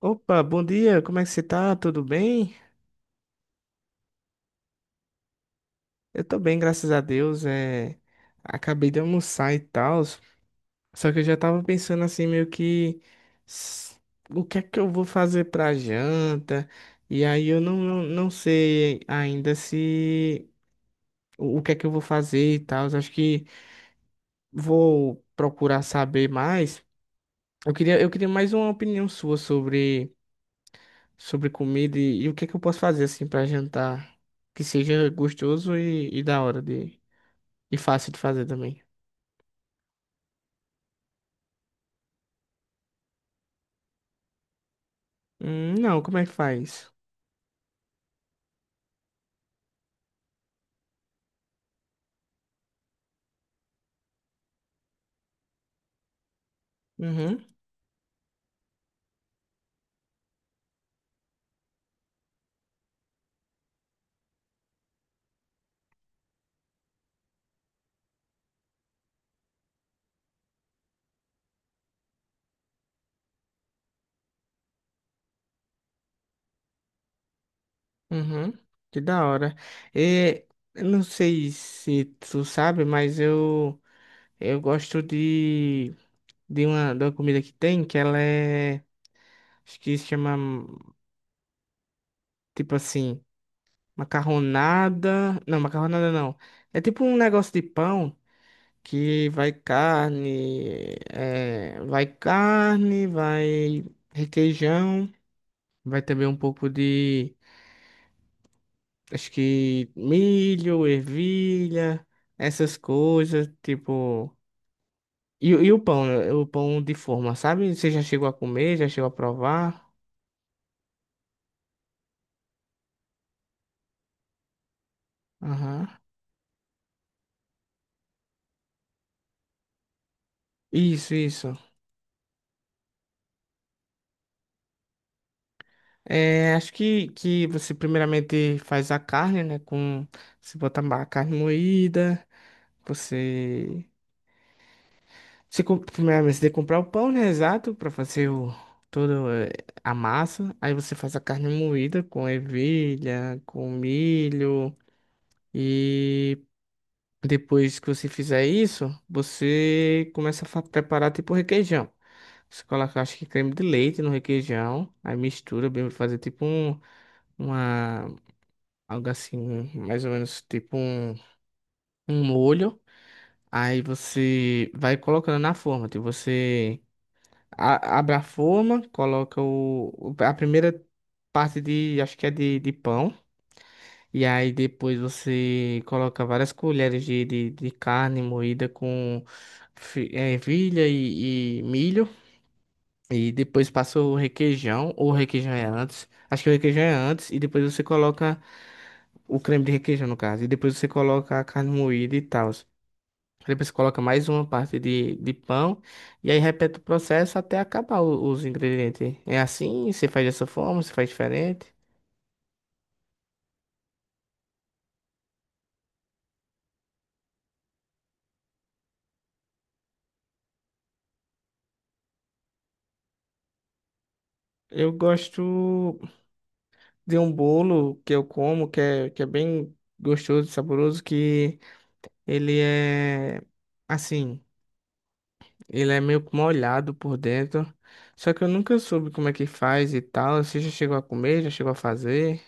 Opa, bom dia, como é que você tá? Tudo bem? Eu tô bem, graças a Deus. Acabei de almoçar e tal, só que eu já tava pensando assim, meio que s- o que é que eu vou fazer pra janta? E aí eu não sei ainda se o que é que eu vou fazer e tal. Acho que vou procurar saber mais. Eu queria mais uma opinião sua sobre comida e o que que eu posso fazer assim pra jantar que seja gostoso e da hora de e fácil de fazer também. Não, como é que faz? Uhum, uhum. Que da hora. E, eu não sei se tu sabe, mas eu gosto de uma, de uma comida que tem que ela é acho que se chama tipo assim macarronada. Não, macarronada não. É tipo um negócio de pão, que vai carne, vai requeijão, vai também um pouco de, acho que milho, ervilha, essas coisas, tipo. E o pão, né? O pão de forma, sabe? Você já chegou a comer, já chegou a provar? Aham. Isso, isso. É, acho que você primeiramente faz a carne, né? Com, você bota a carne moída. você Primeiramente, você tem que comprar o pão, né? Exato, pra fazer toda a massa. Aí você faz a carne moída com ervilha, com milho. E depois que você fizer isso, você começa a preparar tipo requeijão. Você coloca, acho que creme de leite no requeijão. Aí mistura bem, vai fazer tipo uma, algo assim, mais ou menos tipo um molho. Aí você vai colocando na forma, tipo, abre a forma, coloca a primeira parte de, acho que é de pão. E aí depois você coloca várias colheres de carne moída com ervilha e milho. E depois passa o requeijão, ou o requeijão é antes. Acho que o requeijão é antes. E depois você coloca o creme de requeijão, no caso. E depois você coloca a carne moída e tal. Aí você coloca mais uma parte de pão e aí repete o processo até acabar os ingredientes. É assim? Você faz dessa forma? Você faz diferente? Eu gosto de um bolo que eu como, que é bem gostoso e saboroso, que ele é assim, ele é meio que molhado por dentro. Só que eu nunca soube como é que faz e tal. Você já chegou a comer? Já chegou a fazer?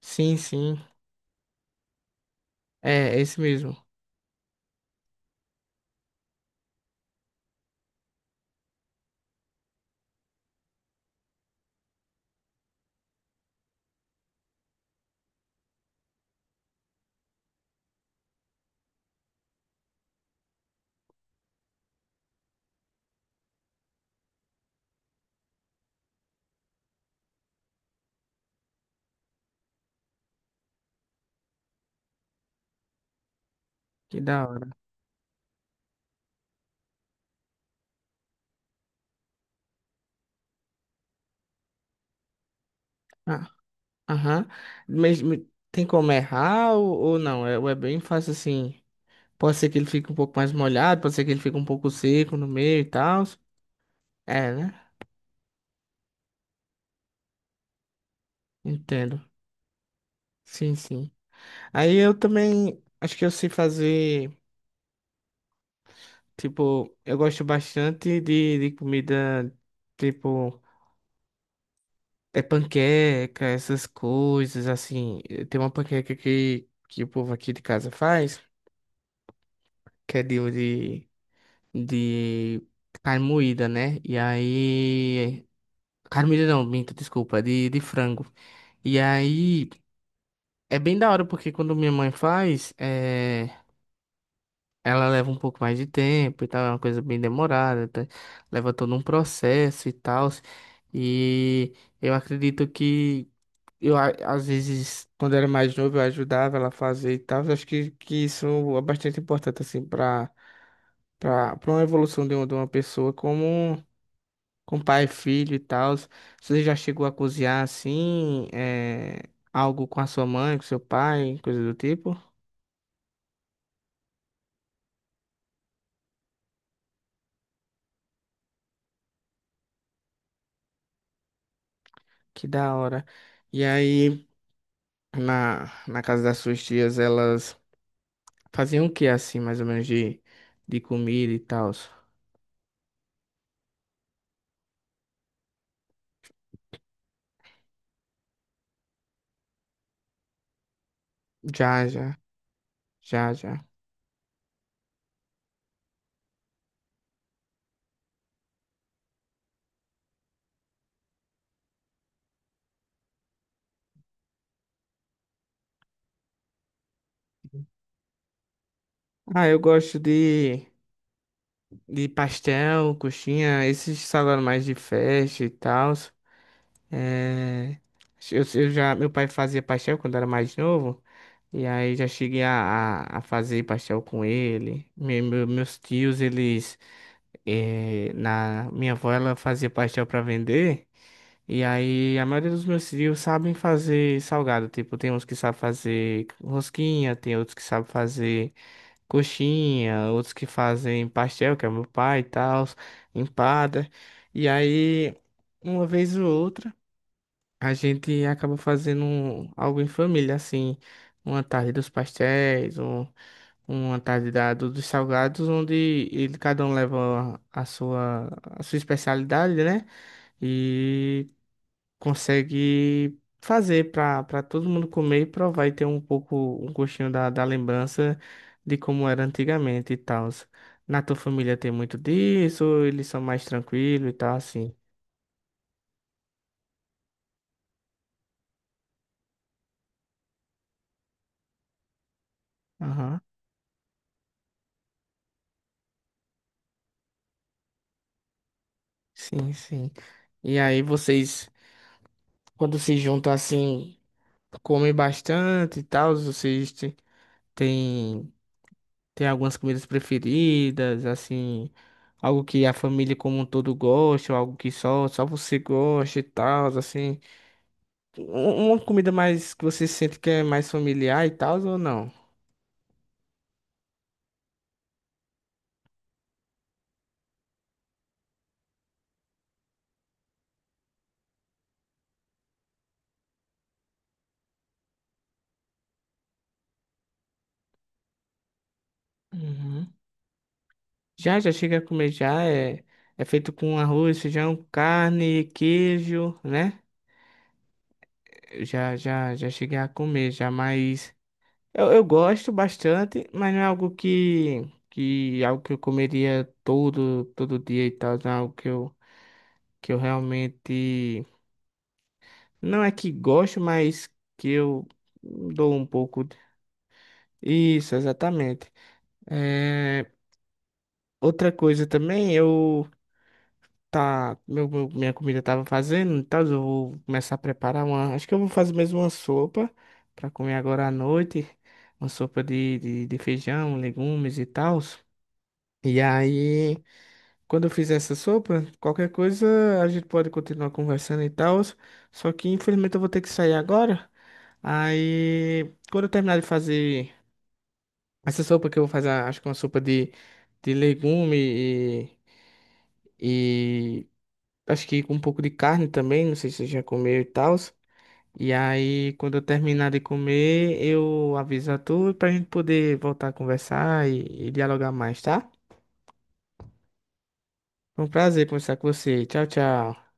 Sim, sim. É, esse mesmo. Que da hora. Ah, aham. Mas tem como errar ou não? É, ou é bem fácil assim. Pode ser que ele fique um pouco mais molhado, pode ser que ele fique um pouco seco no meio e tal. É, né? Entendo. Sim, sim. Aí eu também acho que eu sei fazer. Tipo, eu gosto bastante de comida. Tipo, é panqueca, essas coisas assim. Tem uma panqueca que o povo aqui de casa faz, que é de de carne moída, né? E aí. Carne moída não, minta, desculpa, de frango. E aí é bem da hora, porque quando minha mãe faz, ela leva um pouco mais de tempo e tal, é uma coisa bem demorada, tá? Leva todo um processo e tal. E eu acredito que às vezes, quando era mais novo, eu ajudava ela a fazer e tal. Eu acho que isso é bastante importante, assim, pra para uma evolução de uma pessoa como. Com pai, filho e tal. Você já chegou a cozinhar assim, algo com a sua mãe, com seu pai, coisa do tipo? Que da hora. E aí, na casa das suas tias, elas faziam o que assim, mais ou menos, de comida e tal? Já, já, já, já. Ah, eu gosto de pastel, coxinha, esses salgados mais de festa e tal. É, eu já, meu pai fazia pastel quando era mais novo. E aí já cheguei a fazer pastel com ele. Meus tios, eles. Minha avó, ela fazia pastel pra vender. E aí a maioria dos meus tios sabem fazer salgado. Tipo, tem uns que sabem fazer rosquinha, tem outros que sabem fazer coxinha, outros que fazem pastel, que é meu pai e tal, empada. E aí, uma vez ou outra. A gente acaba fazendo algo em família, assim, uma tarde dos pastéis, uma tarde dos salgados, onde cada um leva a sua especialidade, né? E consegue fazer para todo mundo comer e provar e ter um pouco, um gostinho da lembrança de como era antigamente e tal. Na tua família tem muito disso, eles são mais tranquilos e tal, assim. Aham, sim, sim. E aí vocês. Quando se juntam assim, comem bastante e tal, vocês te- têm tem algumas comidas preferidas, assim, algo que a família como um todo gosta, ou algo que só você gosta e tal, assim. Uma comida mais que você sente que é mais familiar e tal, ou não? Uhum. Já, já chega a comer, já é feito com arroz, feijão, carne, queijo, né? Eu já cheguei a comer, já mais. Eu gosto bastante, mas não é algo que, algo que eu comeria todo, todo dia e tal. Não é algo que eu realmente não é que gosto, mas que eu dou um pouco. Isso, exatamente. É, outra coisa também, eu tá, meu- minha comida tava fazendo, então eu vou começar a preparar uma. Acho que eu vou fazer mesmo uma sopa para comer agora à noite, uma sopa de feijão, legumes e tal. E aí. Quando eu fizer essa sopa, qualquer coisa a gente pode continuar conversando e tal. Só que infelizmente eu vou ter que sair agora. Aí, quando eu terminar de fazer essa sopa que eu vou fazer, acho que uma sopa de legume e acho que com um pouco de carne também, não sei se você já comeu e tal. E aí, quando eu terminar de comer, eu aviso a tu pra gente poder voltar a conversar e dialogar mais, tá? Foi um prazer conversar com você. Tchau, tchau.